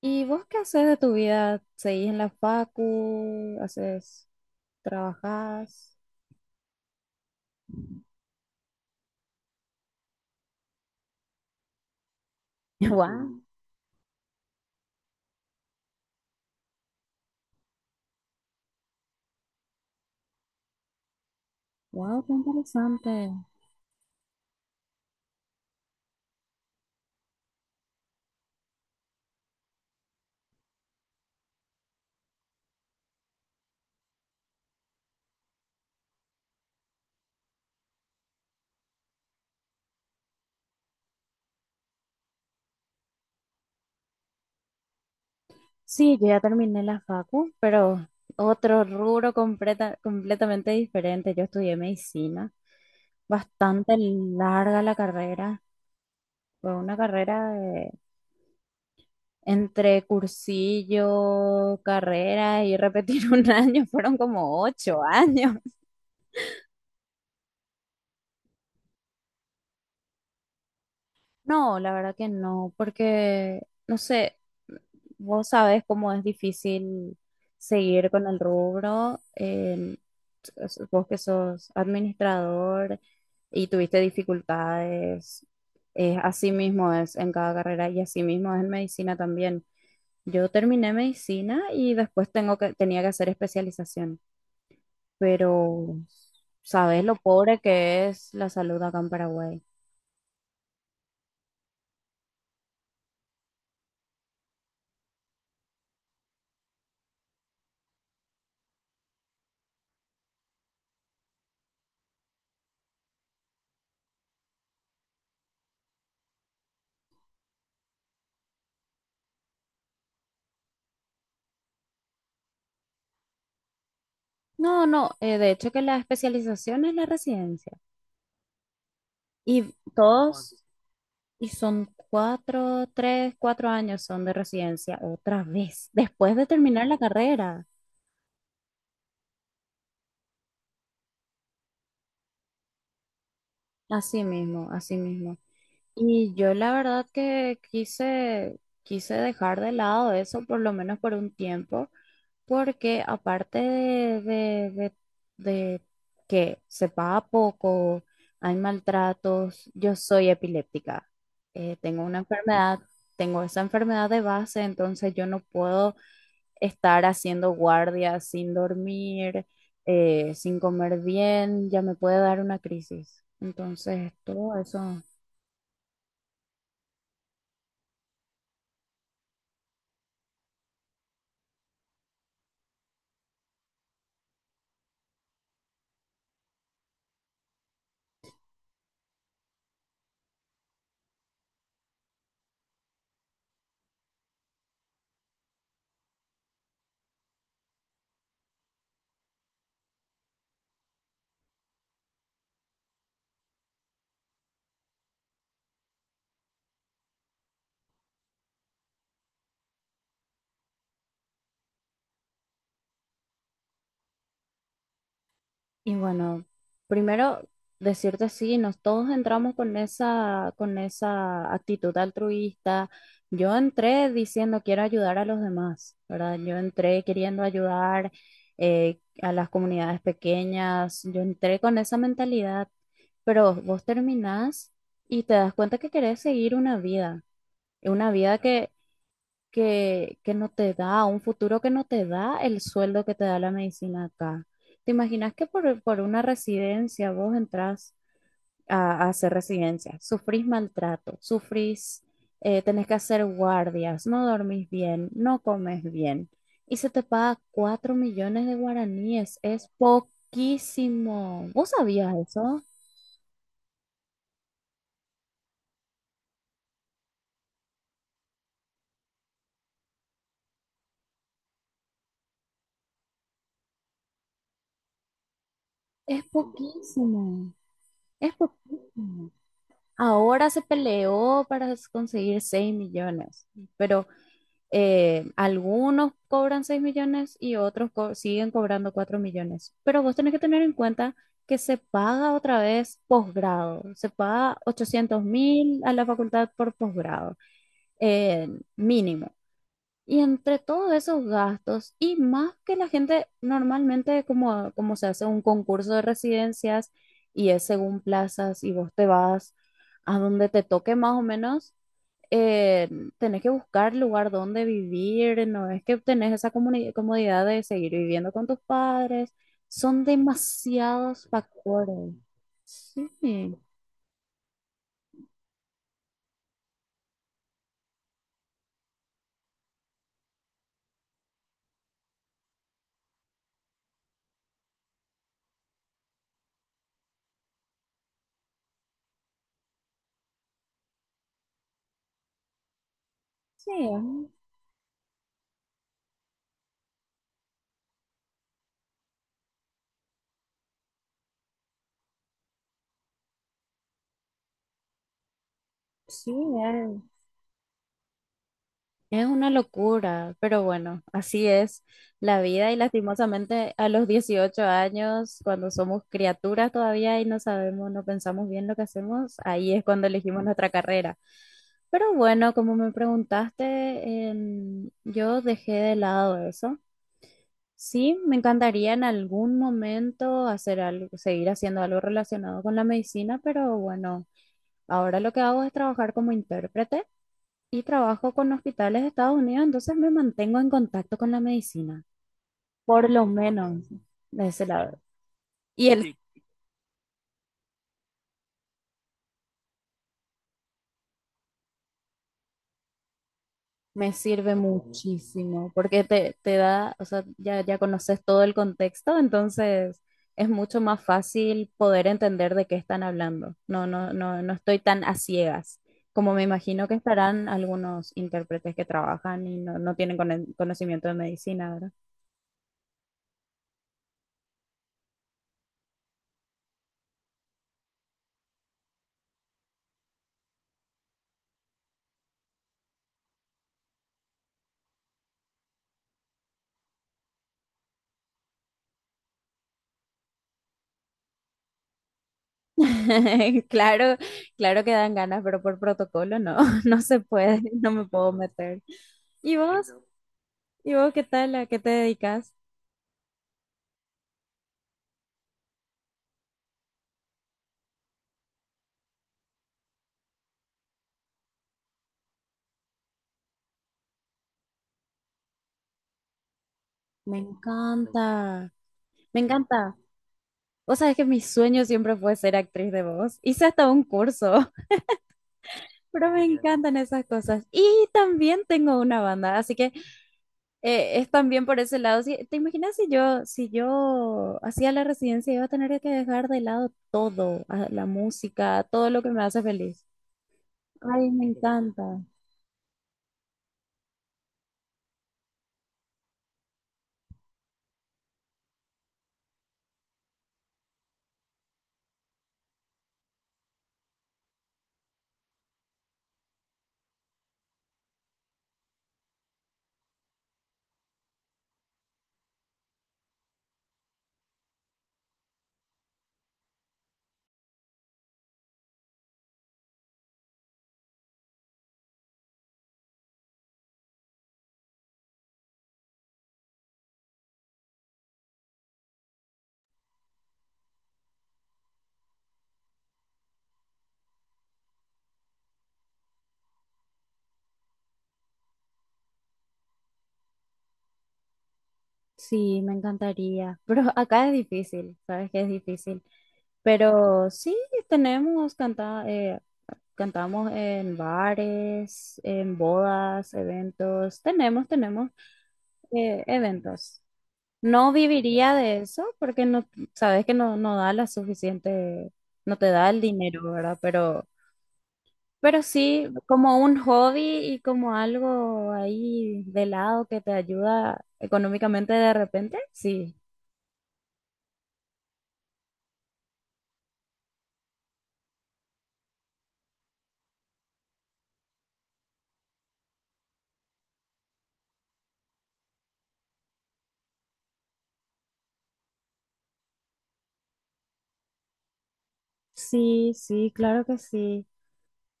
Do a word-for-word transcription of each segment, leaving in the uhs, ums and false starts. ¿Y vos qué haces de tu vida? ¿Seguís en la facu? ¿Haces, trabajás? Wow, wow, qué interesante. Sí, yo ya terminé la facu, pero otro rubro completa, completamente diferente. Yo estudié medicina, bastante larga la carrera. Fue una carrera de- Entre cursillo, carrera y repetir un año, fueron como ocho años. No, la verdad que no, porque, no sé, vos sabés cómo es difícil seguir con el rubro. Em, s- vos que sos administrador y tuviste dificultades, eh, así mismo es en cada carrera y así mismo es en medicina también. Yo terminé medicina y después tengo que, tenía que hacer especialización, pero sabés lo pobre que es la salud acá en Paraguay. No, no, eh, de hecho que la especialización es la residencia. ¿Y cuánto todos, cuántos? Y son cuatro, tres, cuatro años son de residencia otra vez, después de terminar la carrera. Así mismo, así mismo. Y yo la verdad que quise, quise dejar de lado eso por lo menos por un tiempo, porque aparte de, de- de- de que se paga poco, hay maltratos, yo soy epiléptica. Eh, tengo una enfermedad, tengo esa enfermedad de base, entonces yo no puedo estar haciendo guardia sin dormir, eh, sin comer bien, ya me puede dar una crisis. Entonces, todo eso. Y bueno, primero decirte sí, nos todos entramos con esa, con esa actitud altruista. Yo entré diciendo quiero ayudar a los demás, ¿verdad? Yo entré queriendo ayudar eh, a las comunidades pequeñas, yo entré con esa mentalidad, pero vos terminás y te das cuenta que querés seguir una vida, una vida que que, que no te da, un futuro que no te da el sueldo que te da la medicina acá. ¿Te imaginas que por, por una residencia vos entras a, a hacer residencia? Sufrís maltrato, sufrís, eh, tenés que hacer guardias, no dormís bien, no comes bien y se te paga cuatro millones de guaraníes. Es poquísimo. ¿Vos sabías eso? Es poquísimo. Es poquísimo. Ahora se peleó para conseguir seis millones, pero eh, algunos cobran seis millones y otros co- siguen cobrando cuatro millones. Pero vos tenés que tener en cuenta que se paga otra vez posgrado, se paga ochocientos mil a la facultad por posgrado, eh, mínimo. Y entre todos esos gastos, y más que la gente normalmente, como, como se hace un concurso de residencias y es según plazas, y vos te vas a donde te toque más o menos, eh, tenés que buscar lugar donde vivir, no es que tenés esa comuni- comodidad de seguir viviendo con tus padres, son demasiados factores. Sí, sí, es- sí. Es una locura, pero bueno, así es la vida y lastimosamente a los dieciocho años, cuando somos criaturas todavía y no sabemos, no pensamos bien lo que hacemos, ahí es cuando elegimos nuestra carrera. Pero bueno, como me preguntaste, em, yo dejé de lado eso. Sí, me encantaría en algún momento hacer algo, seguir haciendo algo relacionado con la medicina, pero bueno, ahora lo que hago es trabajar como intérprete y trabajo con hospitales de Estados Unidos, entonces me mantengo en contacto con la medicina, por lo menos de ese lado. Y el sí, me sirve muchísimo porque te, te da, o sea, ya, ya conoces todo el contexto, entonces es mucho más fácil poder entender de qué están hablando. No, no, no, no estoy tan a ciegas. Como me imagino que estarán algunos intérpretes que trabajan y no, no tienen cono- conocimiento de medicina. Claro, claro que dan ganas, pero por protocolo no, no se puede, no me puedo meter. ¿Y vos? ¿Y vos qué tal? ¿A qué te dedicas? Me encanta, me encanta. Vos sabés que mi sueño siempre fue ser actriz de voz. Hice hasta un curso, pero me encantan esas cosas. Y también tengo una banda, así que eh, es también por ese lado. Si- ¿Te imaginas si yo, si yo hacía la residencia, iba a tener que dejar de lado todo, a- la música, todo lo que me hace feliz? Ay, me encanta. Sí, me encantaría. Pero acá es difícil, sabes que es difícil. Pero sí, tenemos, canta, eh, cantamos en bares, en bodas, eventos. Tenemos, tenemos eh, eventos. No viviría de eso porque no, sabes que no, no da la suficiente, no te da el dinero, ¿verdad? Pero Pero sí, como un hobby y como algo ahí de lado que te ayuda económicamente de repente, sí. Sí, sí, claro que sí.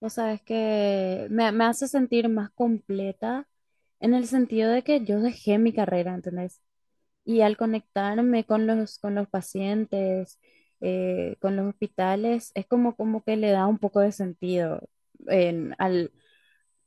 O sea, es que me, me hace sentir más completa en el sentido de que yo dejé mi carrera, ¿entendés? Y al conectarme con los, con los pacientes, eh, con los hospitales, es como, como que le da un poco de sentido en- al,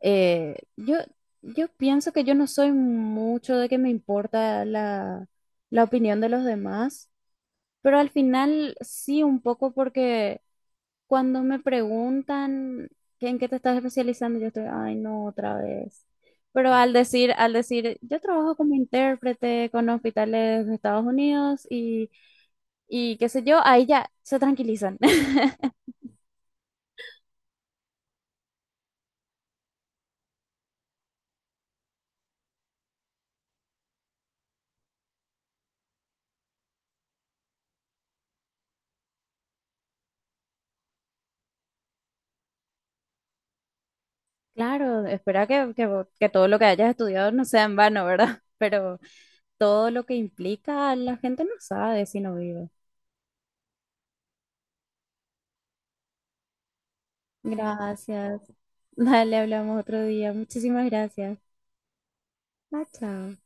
Eh, yo, yo pienso que yo no soy mucho de que me importa la, la opinión de los demás, pero al final sí un poco porque cuando me preguntan que en qué te estás especializando, yo estoy, ay, no, otra vez. Pero al decir, al decir, yo trabajo como intérprete con hospitales de Estados Unidos y, y qué sé yo, ahí ya se tranquilizan. Claro, espera que, que, vo- que todo lo que hayas estudiado no sea en vano, ¿verdad? Pero todo lo que implica, la gente no sabe si no vive. Gracias. Dale, hablamos otro día. Muchísimas gracias. Ah, chao.